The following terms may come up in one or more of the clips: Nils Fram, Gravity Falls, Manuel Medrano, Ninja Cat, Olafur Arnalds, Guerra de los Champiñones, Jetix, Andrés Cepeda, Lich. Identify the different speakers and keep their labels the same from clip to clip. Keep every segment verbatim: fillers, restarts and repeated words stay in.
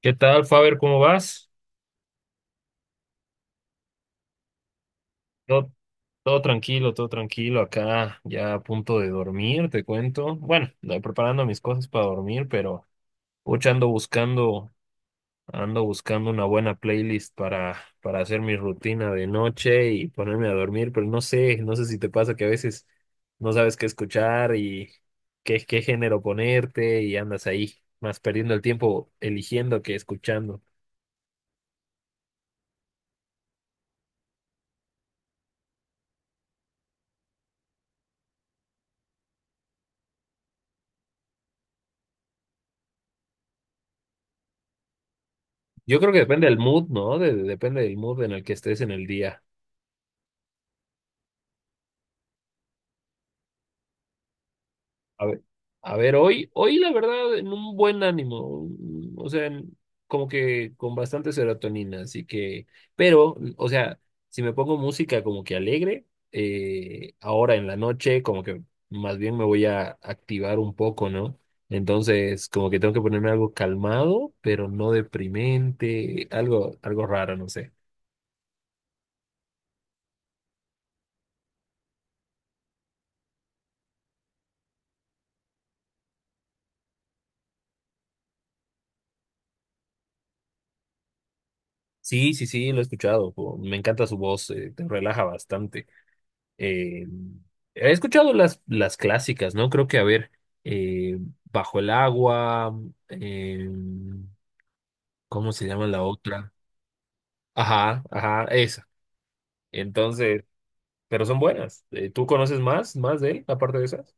Speaker 1: ¿Qué tal, Faber? ¿Cómo vas? Todo, todo tranquilo, todo tranquilo. Acá ya a punto de dormir, te cuento. Bueno, estoy preparando mis cosas para dormir, pero pucha, ando buscando, ando buscando una buena playlist para, para hacer mi rutina de noche y ponerme a dormir, pero no sé, no sé si te pasa que a veces no sabes qué escuchar y qué, qué género ponerte y andas ahí más perdiendo el tiempo eligiendo que escuchando. Yo creo que depende del mood, ¿no? De- depende del mood en el que estés en el día. A ver, a ver, hoy, hoy la verdad, en un buen ánimo, mm, o sea, en- como que con bastante serotonina, así que, pero, o sea, si me pongo música como que alegre, eh, ahora en la noche, como que más bien me voy a activar un poco, ¿no? Entonces, como que tengo que ponerme algo calmado, pero no deprimente, algo, algo raro, no sé. Sí, sí, sí, lo he escuchado, po, me encanta su voz, eh, te relaja bastante. Eh, He escuchado las, las clásicas, ¿no? Creo que, a ver, eh, Bajo el agua, eh, ¿cómo se llama la otra? Ajá, ajá, esa. Entonces, pero son buenas. Eh, ¿tú conoces más, más de él, aparte de esas?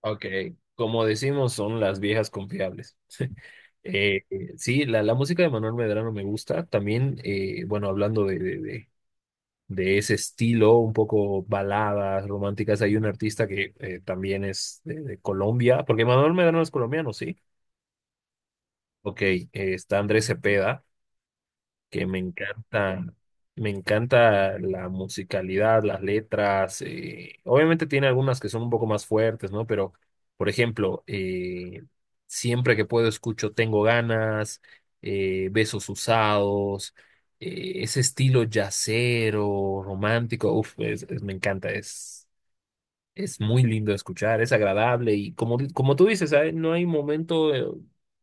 Speaker 1: Ok, como decimos, son las viejas confiables. Eh, eh, sí, la, la música de Manuel Medrano me gusta. También, eh, bueno, hablando de, de, de de ese estilo, un poco baladas románticas. Hay un artista que eh, también es de, de Colombia, porque Manuel Medrano es colombiano, ¿sí? Ok, eh, está Andrés Cepeda, que me encanta, me encanta la musicalidad, las letras. Eh, obviamente tiene algunas que son un poco más fuertes, ¿no? Pero, por ejemplo, eh, siempre que puedo escucho Tengo ganas, eh, Besos usados, eh, ese estilo yacero, romántico, uf, es- es- me encanta, es... Es muy lindo de escuchar, es agradable y como, como tú dices, ¿sabes? No hay momento eh,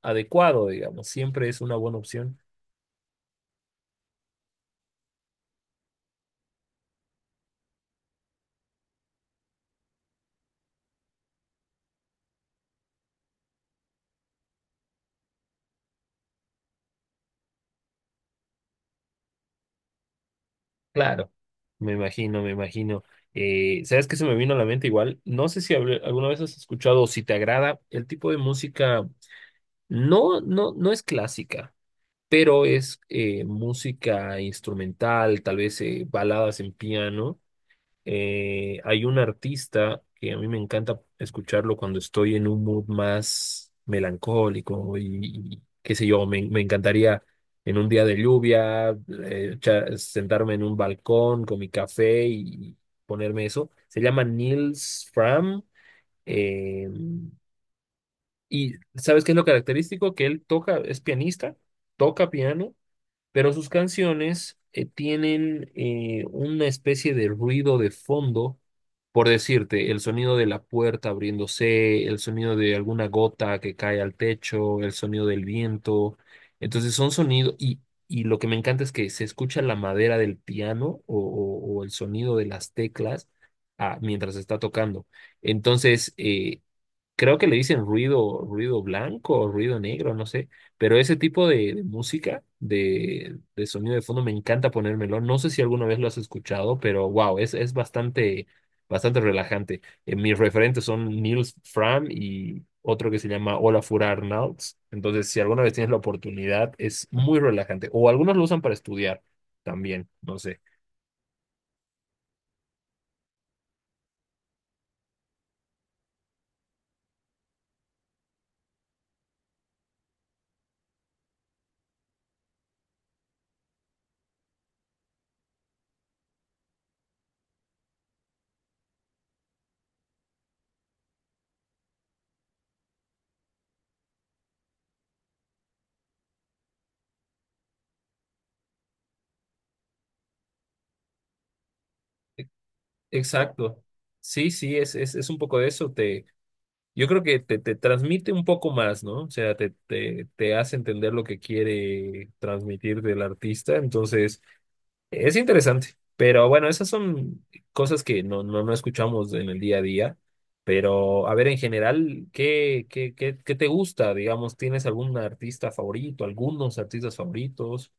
Speaker 1: adecuado, digamos, siempre es una buena opción. Claro, me imagino, me imagino. Eh, ¿sabes qué se me vino a la mente igual? No sé si habl- alguna vez has escuchado o si te agrada el tipo de música, no, no, no es clásica, pero es eh, música instrumental, tal vez eh, baladas en piano. Eh, hay un artista que a mí me encanta escucharlo cuando estoy en un mood más melancólico y, y qué sé yo, me, me encantaría en un día de lluvia eh, echa- sentarme en un balcón con mi café y ponerme eso. Se llama Nils Fram. eh, y ¿sabes qué es lo característico? Que él toca, es pianista, toca piano, pero sus canciones eh, tienen eh, una especie de ruido de fondo, por decirte, el sonido de la puerta abriéndose, el sonido de alguna gota que cae al techo, el sonido del viento. Entonces son sonidos y, y lo que me encanta es que se escucha la madera del piano o, o- o el sonido de las teclas ah, mientras está tocando. Entonces, eh, creo que le dicen ruido, ruido blanco o ruido negro, no sé, pero ese tipo de, de música, de, de sonido de fondo, me encanta ponérmelo. No sé si alguna vez lo has escuchado, pero wow, es, es bastante, bastante relajante. Eh, mis referentes son Niels Fram y otro que se llama Olafur Arnalds. Entonces, si alguna vez tienes la oportunidad, es muy relajante. O algunos lo usan para estudiar también, no sé. Exacto. Sí, sí, es, es, es un poco de eso. Yo creo que te, te transmite un poco más, ¿no? O sea, te, te, te hace entender lo que quiere transmitir del artista. Entonces, es interesante. Pero bueno, esas son cosas que no, no, no escuchamos en el día a día. Pero, a ver, en general, ¿qué, qué, qué, qué te gusta? Digamos, ¿tienes algún artista favorito, algunos artistas favoritos?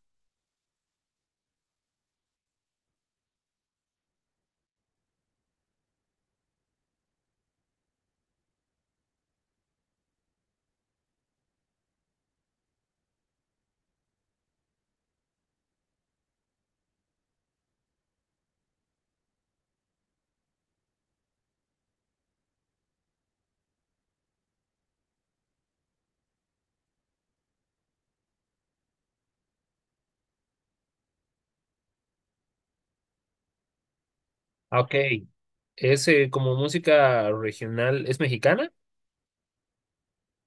Speaker 1: Ah, ok. ¿Es eh, como música regional? ¿Es mexicana?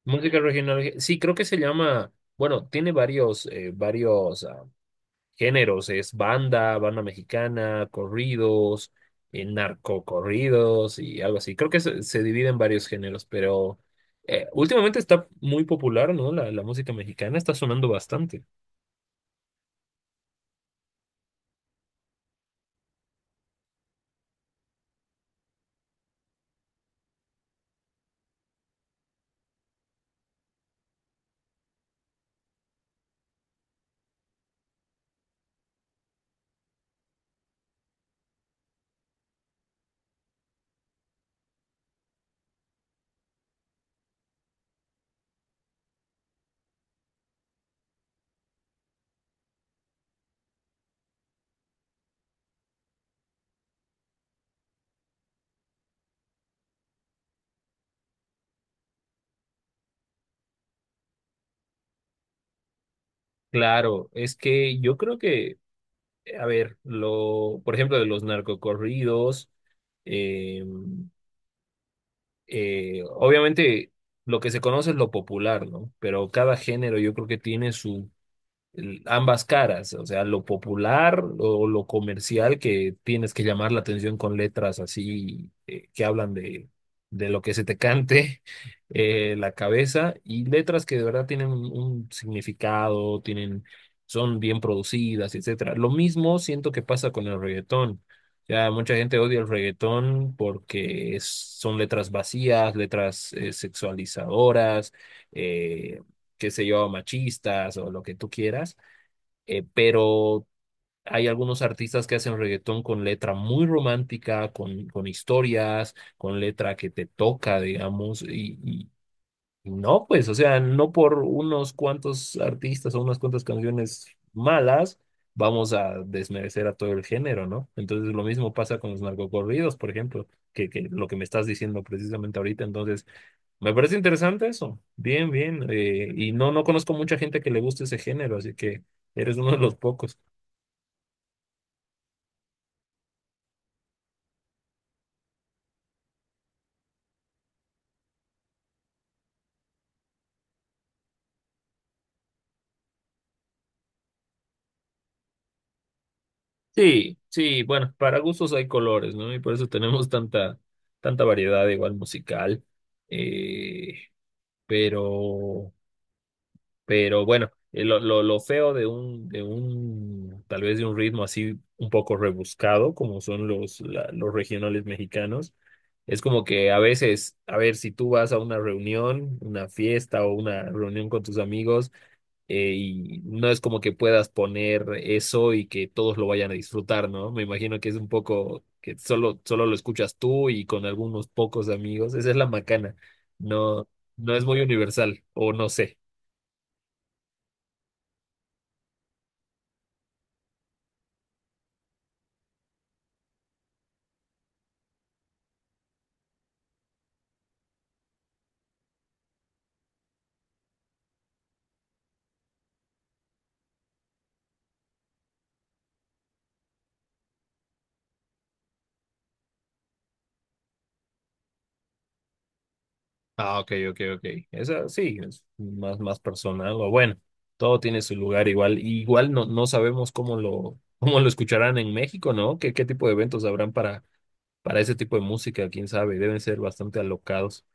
Speaker 1: Música regional. Sí, creo que se llama. Bueno, tiene varios, eh, varios. Ah, géneros, es banda, banda mexicana, corridos, eh, narcocorridos y algo así. Creo que se, se divide en varios géneros, pero eh, últimamente está muy popular, ¿no? La, la música mexicana está sonando bastante. Claro, es que yo creo que, eh, a ver, lo, por ejemplo, de los narcocorridos, eh, eh, obviamente lo que se conoce es lo popular, ¿no? Pero cada género yo creo que tiene su el- ambas caras, o sea, lo popular o lo comercial que tienes que llamar la atención con letras así eh, que hablan de, de lo que se te cante eh, la cabeza y letras que de verdad tienen un, un significado, tienen, son bien producidas, etcétera. Lo mismo siento que pasa con el reggaetón. Ya mucha gente odia el reggaetón porque es- son letras vacías, letras eh, sexualizadoras, eh, qué sé yo, machistas o lo que tú quieras, eh, pero hay algunos artistas que hacen reggaetón con letra muy romántica, con, con historias, con letra que te toca, digamos, y, y- y no, pues, o sea, no por unos cuantos artistas o unas cuantas canciones malas vamos a desmerecer a todo el género, ¿no? Entonces lo mismo pasa con los narcocorridos, por ejemplo, que, que lo que me estás diciendo precisamente ahorita, entonces me parece interesante eso, bien, bien, eh, y no, no conozco mucha gente que le guste ese género, así que eres uno de los pocos. Sí, sí, bueno, para gustos hay colores, ¿no? Y por eso tenemos tanta, tanta variedad igual musical. Eh, pero, pero bueno, eh, lo, lo, lo feo de un, de un, tal vez de un ritmo así un poco rebuscado, como son los, la- los regionales mexicanos, es como que a veces, a ver, si tú vas a una reunión, una fiesta o una reunión con tus amigos, eh, y no es como que puedas poner eso y que todos lo vayan a disfrutar, ¿no? Me imagino que es un poco que solo, solo lo escuchas tú y con algunos pocos amigos. Esa es la macana. No, no es muy universal, o no sé. Ah, ok, ok, ok. Esa sí, es más, más personal. O bueno, todo tiene su lugar igual. Y igual no, no sabemos cómo lo, cómo lo escucharán en México, ¿no? ¿Qué, qué tipo de eventos habrán para, para ese tipo de música? ¿Quién sabe? Deben ser bastante alocados.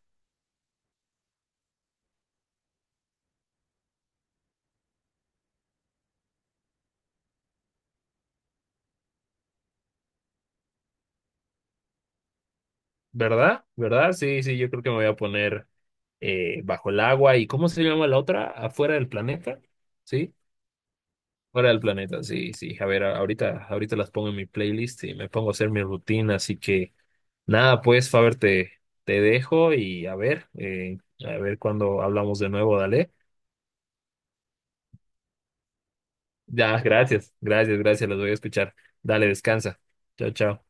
Speaker 1: ¿Verdad? ¿Verdad? Sí, sí, yo creo que me voy a poner eh, bajo el agua. ¿Y cómo se llama la otra? ¿Afuera del planeta? ¿Sí? Fuera del planeta, sí, sí. A ver, a- ahorita, ahorita las pongo en mi playlist y me pongo a hacer mi rutina. Así que nada, pues, Faber, te, te dejo y a ver, eh, a ver cuando hablamos de nuevo, dale. Ya, gracias, gracias, gracias, los voy a escuchar. Dale, descansa. Chao, chao.